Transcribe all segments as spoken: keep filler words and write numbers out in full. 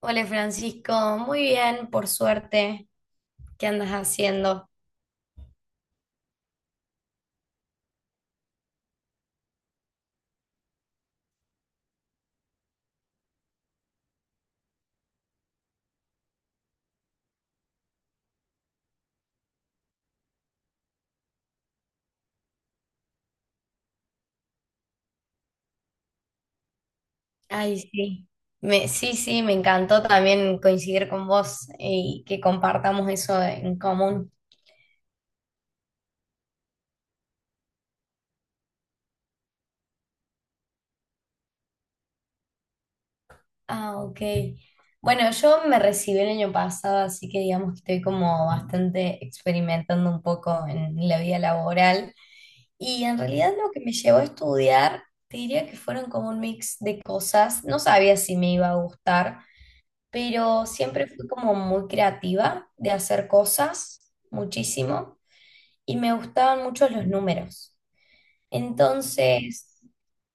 Hola Francisco, muy bien, por suerte. ¿Qué andas haciendo? Ay, sí. Me, sí, sí, me encantó también coincidir con vos y que compartamos eso en común. Ah, ok. Bueno, yo me recibí el año pasado, así que digamos que estoy como bastante experimentando un poco en la vida laboral. Y en realidad lo que me llevó a estudiar, te diría que fueron como un mix de cosas. No sabía si me iba a gustar, pero siempre fui como muy creativa de hacer cosas, muchísimo, y me gustaban mucho los números. Entonces,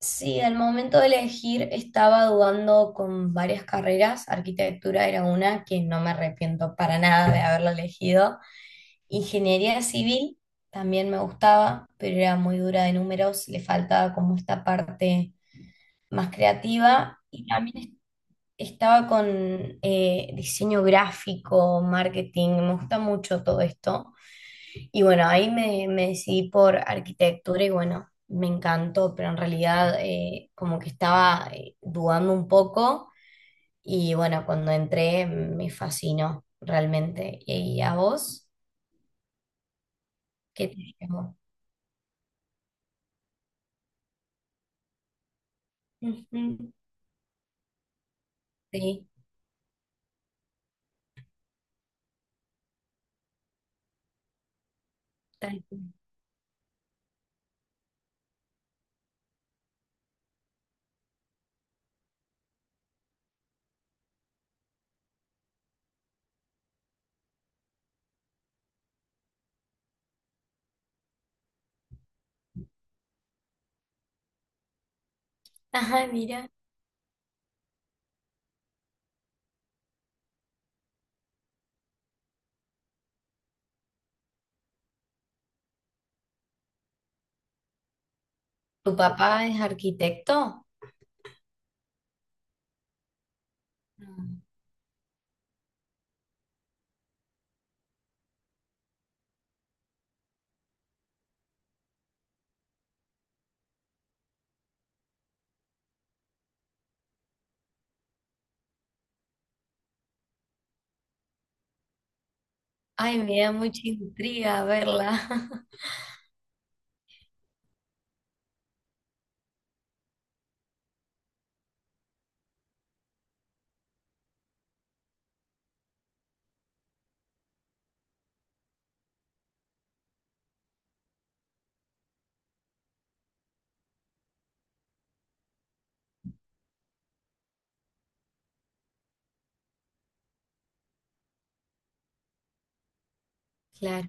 sí, al momento de elegir estaba dudando con varias carreras, arquitectura era una que no me arrepiento para nada de haberla elegido, ingeniería civil también me gustaba, pero era muy dura de números, le faltaba como esta parte más creativa. Y también estaba con eh, diseño gráfico, marketing, me gusta mucho todo esto. Y bueno, ahí me, me decidí por arquitectura y bueno, me encantó, pero en realidad eh, como que estaba eh, dudando un poco y bueno, cuando entré me fascinó realmente. ¿Y a vos? ¿Qué te llamó? Ujú, sí, tal cual. Ajá, mira. ¿Tu papá es arquitecto? No. Ay, me da mucha intriga verla. Claro.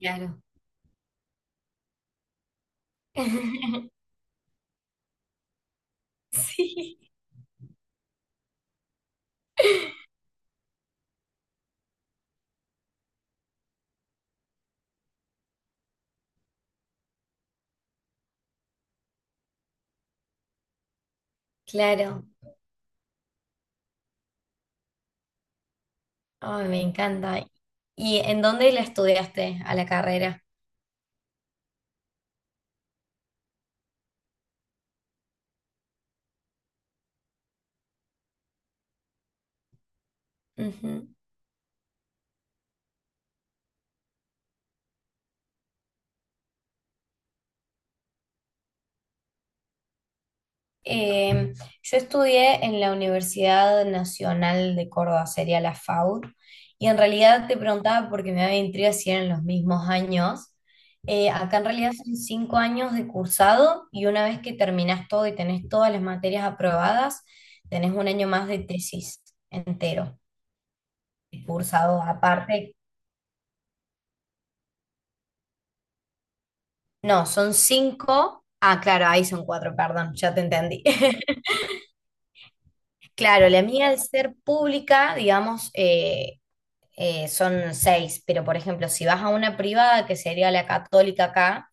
Claro. Sí. Claro. Ay, me encanta. ¿Y en dónde la estudiaste a la carrera? Ujú. Eh, yo estudié en la Universidad Nacional de Córdoba, sería la F A U, y en realidad te preguntaba porque me daba intriga si eran los mismos años. Eh, acá en realidad son cinco años de cursado y una vez que terminás todo y tenés todas las materias aprobadas, tenés un año más de tesis entero, cursado aparte. No, son cinco. Ah, claro, ahí son cuatro, perdón, ya te entendí. Claro, la mía al ser pública, digamos, eh, eh, son seis, pero por ejemplo, si vas a una privada, que sería la católica acá,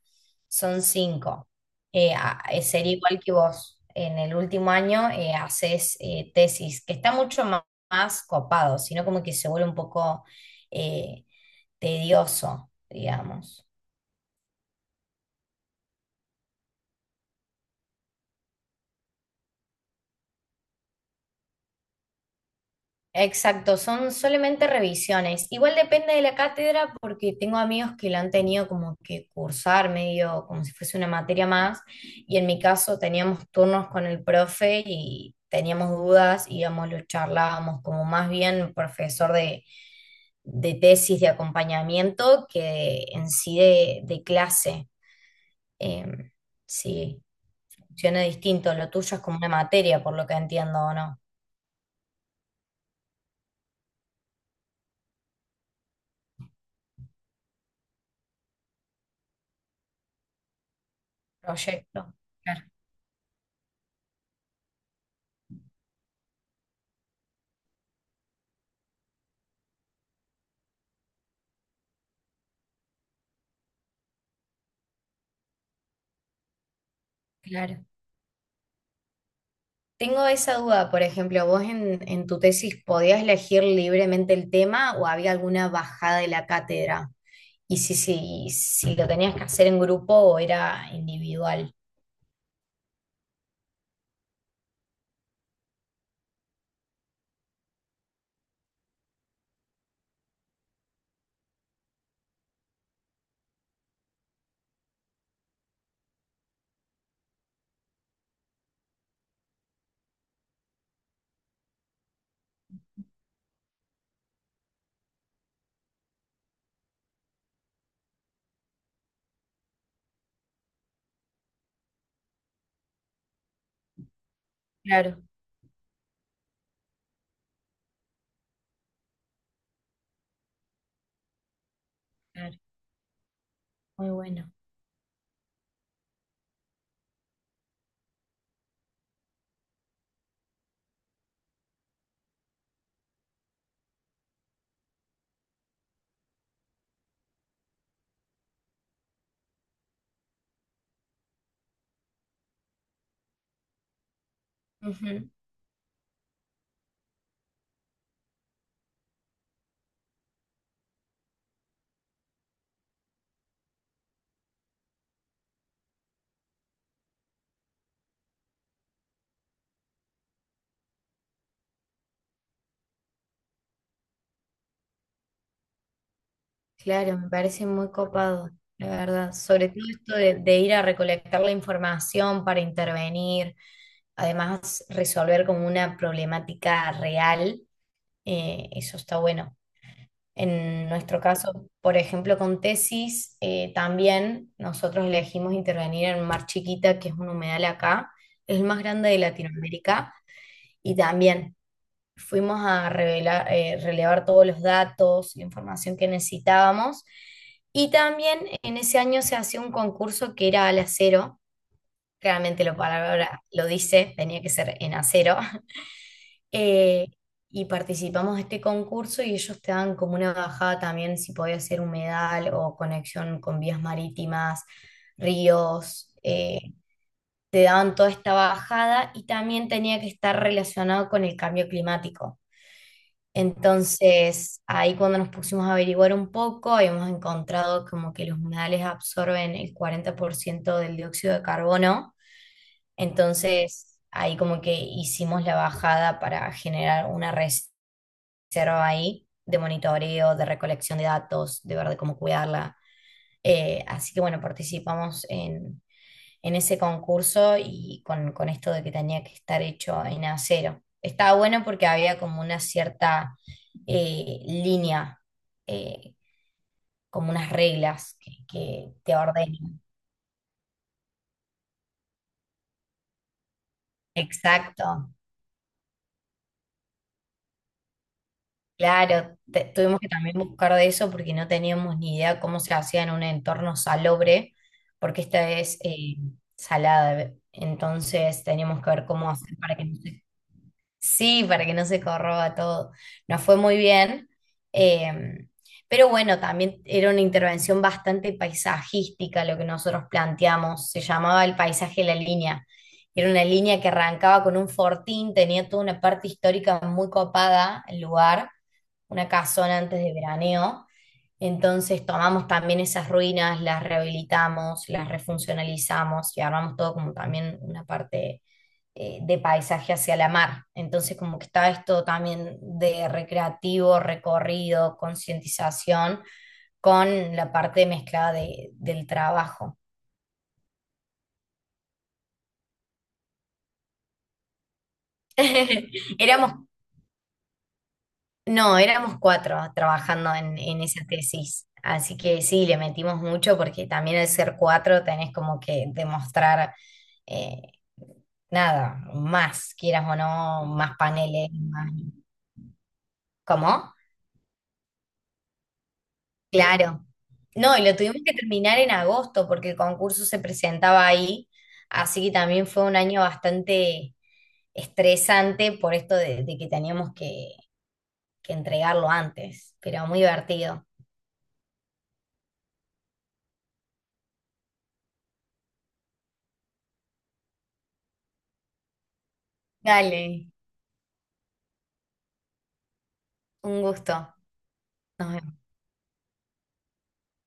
son cinco. Eh, a- eh, sería igual que vos. En el último año eh, haces eh, tesis, que está mucho ma- más copado, sino como que se vuelve un poco eh, tedioso, digamos. Exacto, son solamente revisiones. Igual depende de la cátedra porque tengo amigos que la han tenido como que cursar medio como si fuese una materia más y en mi caso teníamos turnos con el profe y teníamos dudas, íbamos, lo charlábamos como más bien profesor de, de tesis de acompañamiento que en sí de, de clase. Em, sí, funciona distinto, lo tuyo es como una materia por lo que entiendo o no. Proyecto, claro, claro. Tengo esa duda, por ejemplo, ¿vos en, en tu tesis podías elegir libremente el tema o había alguna bajada de la cátedra? Y si, si, si lo tenías que hacer en grupo o era individual. Claro, claro, muy bueno. Ujú. Claro, me parece muy copado, la verdad. Sobre todo esto de, de ir a recolectar la información para intervenir, además resolver como una problemática real, eh, eso está bueno. En nuestro caso, por ejemplo, con tesis, eh, también nosotros elegimos intervenir en Mar Chiquita, que es un humedal acá, es el más grande de Latinoamérica, y también fuimos a revelar, eh, relevar todos los datos, la información que necesitábamos, y también en ese año se hacía un concurso que era al acero, claramente la palabra lo dice, tenía que ser en acero. Eh, y participamos de este concurso y ellos te dan como una bajada también si podías ser humedal o conexión con vías marítimas, ríos, eh, te daban toda esta bajada y también tenía que estar relacionado con el cambio climático. Entonces, ahí cuando nos pusimos a averiguar un poco, habíamos encontrado como que los humedales absorben el cuarenta por ciento del dióxido de carbono. Entonces, ahí como que hicimos la bajada para generar una reserva hicieron ahí de monitoreo, de recolección de datos, de ver de cómo cuidarla. Eh, así que bueno, participamos en, en ese concurso y con, con esto de que tenía que estar hecho en acero. Estaba bueno porque había como una cierta eh, línea, eh, como unas reglas que, que te ordenan. Exacto. Claro, te- tuvimos que también buscar de eso porque no teníamos ni idea cómo se hacía en un entorno salobre, porque esta es eh, salada. Entonces teníamos que ver cómo hacer para que no se sí, para que no se corroba todo. Nos fue muy bien. eh, pero bueno, también era una intervención bastante paisajística lo que nosotros planteamos. Se llamaba el paisaje de la línea. Era una línea que arrancaba con un fortín, tenía toda una parte histórica muy copada el lugar, una casona antes de veraneo. Entonces tomamos también esas ruinas, las rehabilitamos, las refuncionalizamos y armamos todo como también una parte eh, de paisaje hacia la mar. Entonces como que está esto también de recreativo, recorrido, concientización con la parte mezclada de- del trabajo. Éramos No, éramos cuatro trabajando en, en esa tesis, así que sí, le metimos mucho porque también al ser cuatro tenés como que demostrar, eh, nada, más, quieras o no, más paneles, más... ¿Cómo? Claro. No, y lo tuvimos que terminar en agosto porque el concurso se presentaba ahí, así que también fue un año bastante estresante por esto de, de que teníamos que, que entregarlo antes, pero muy divertido. Dale, un gusto. Nos vemos.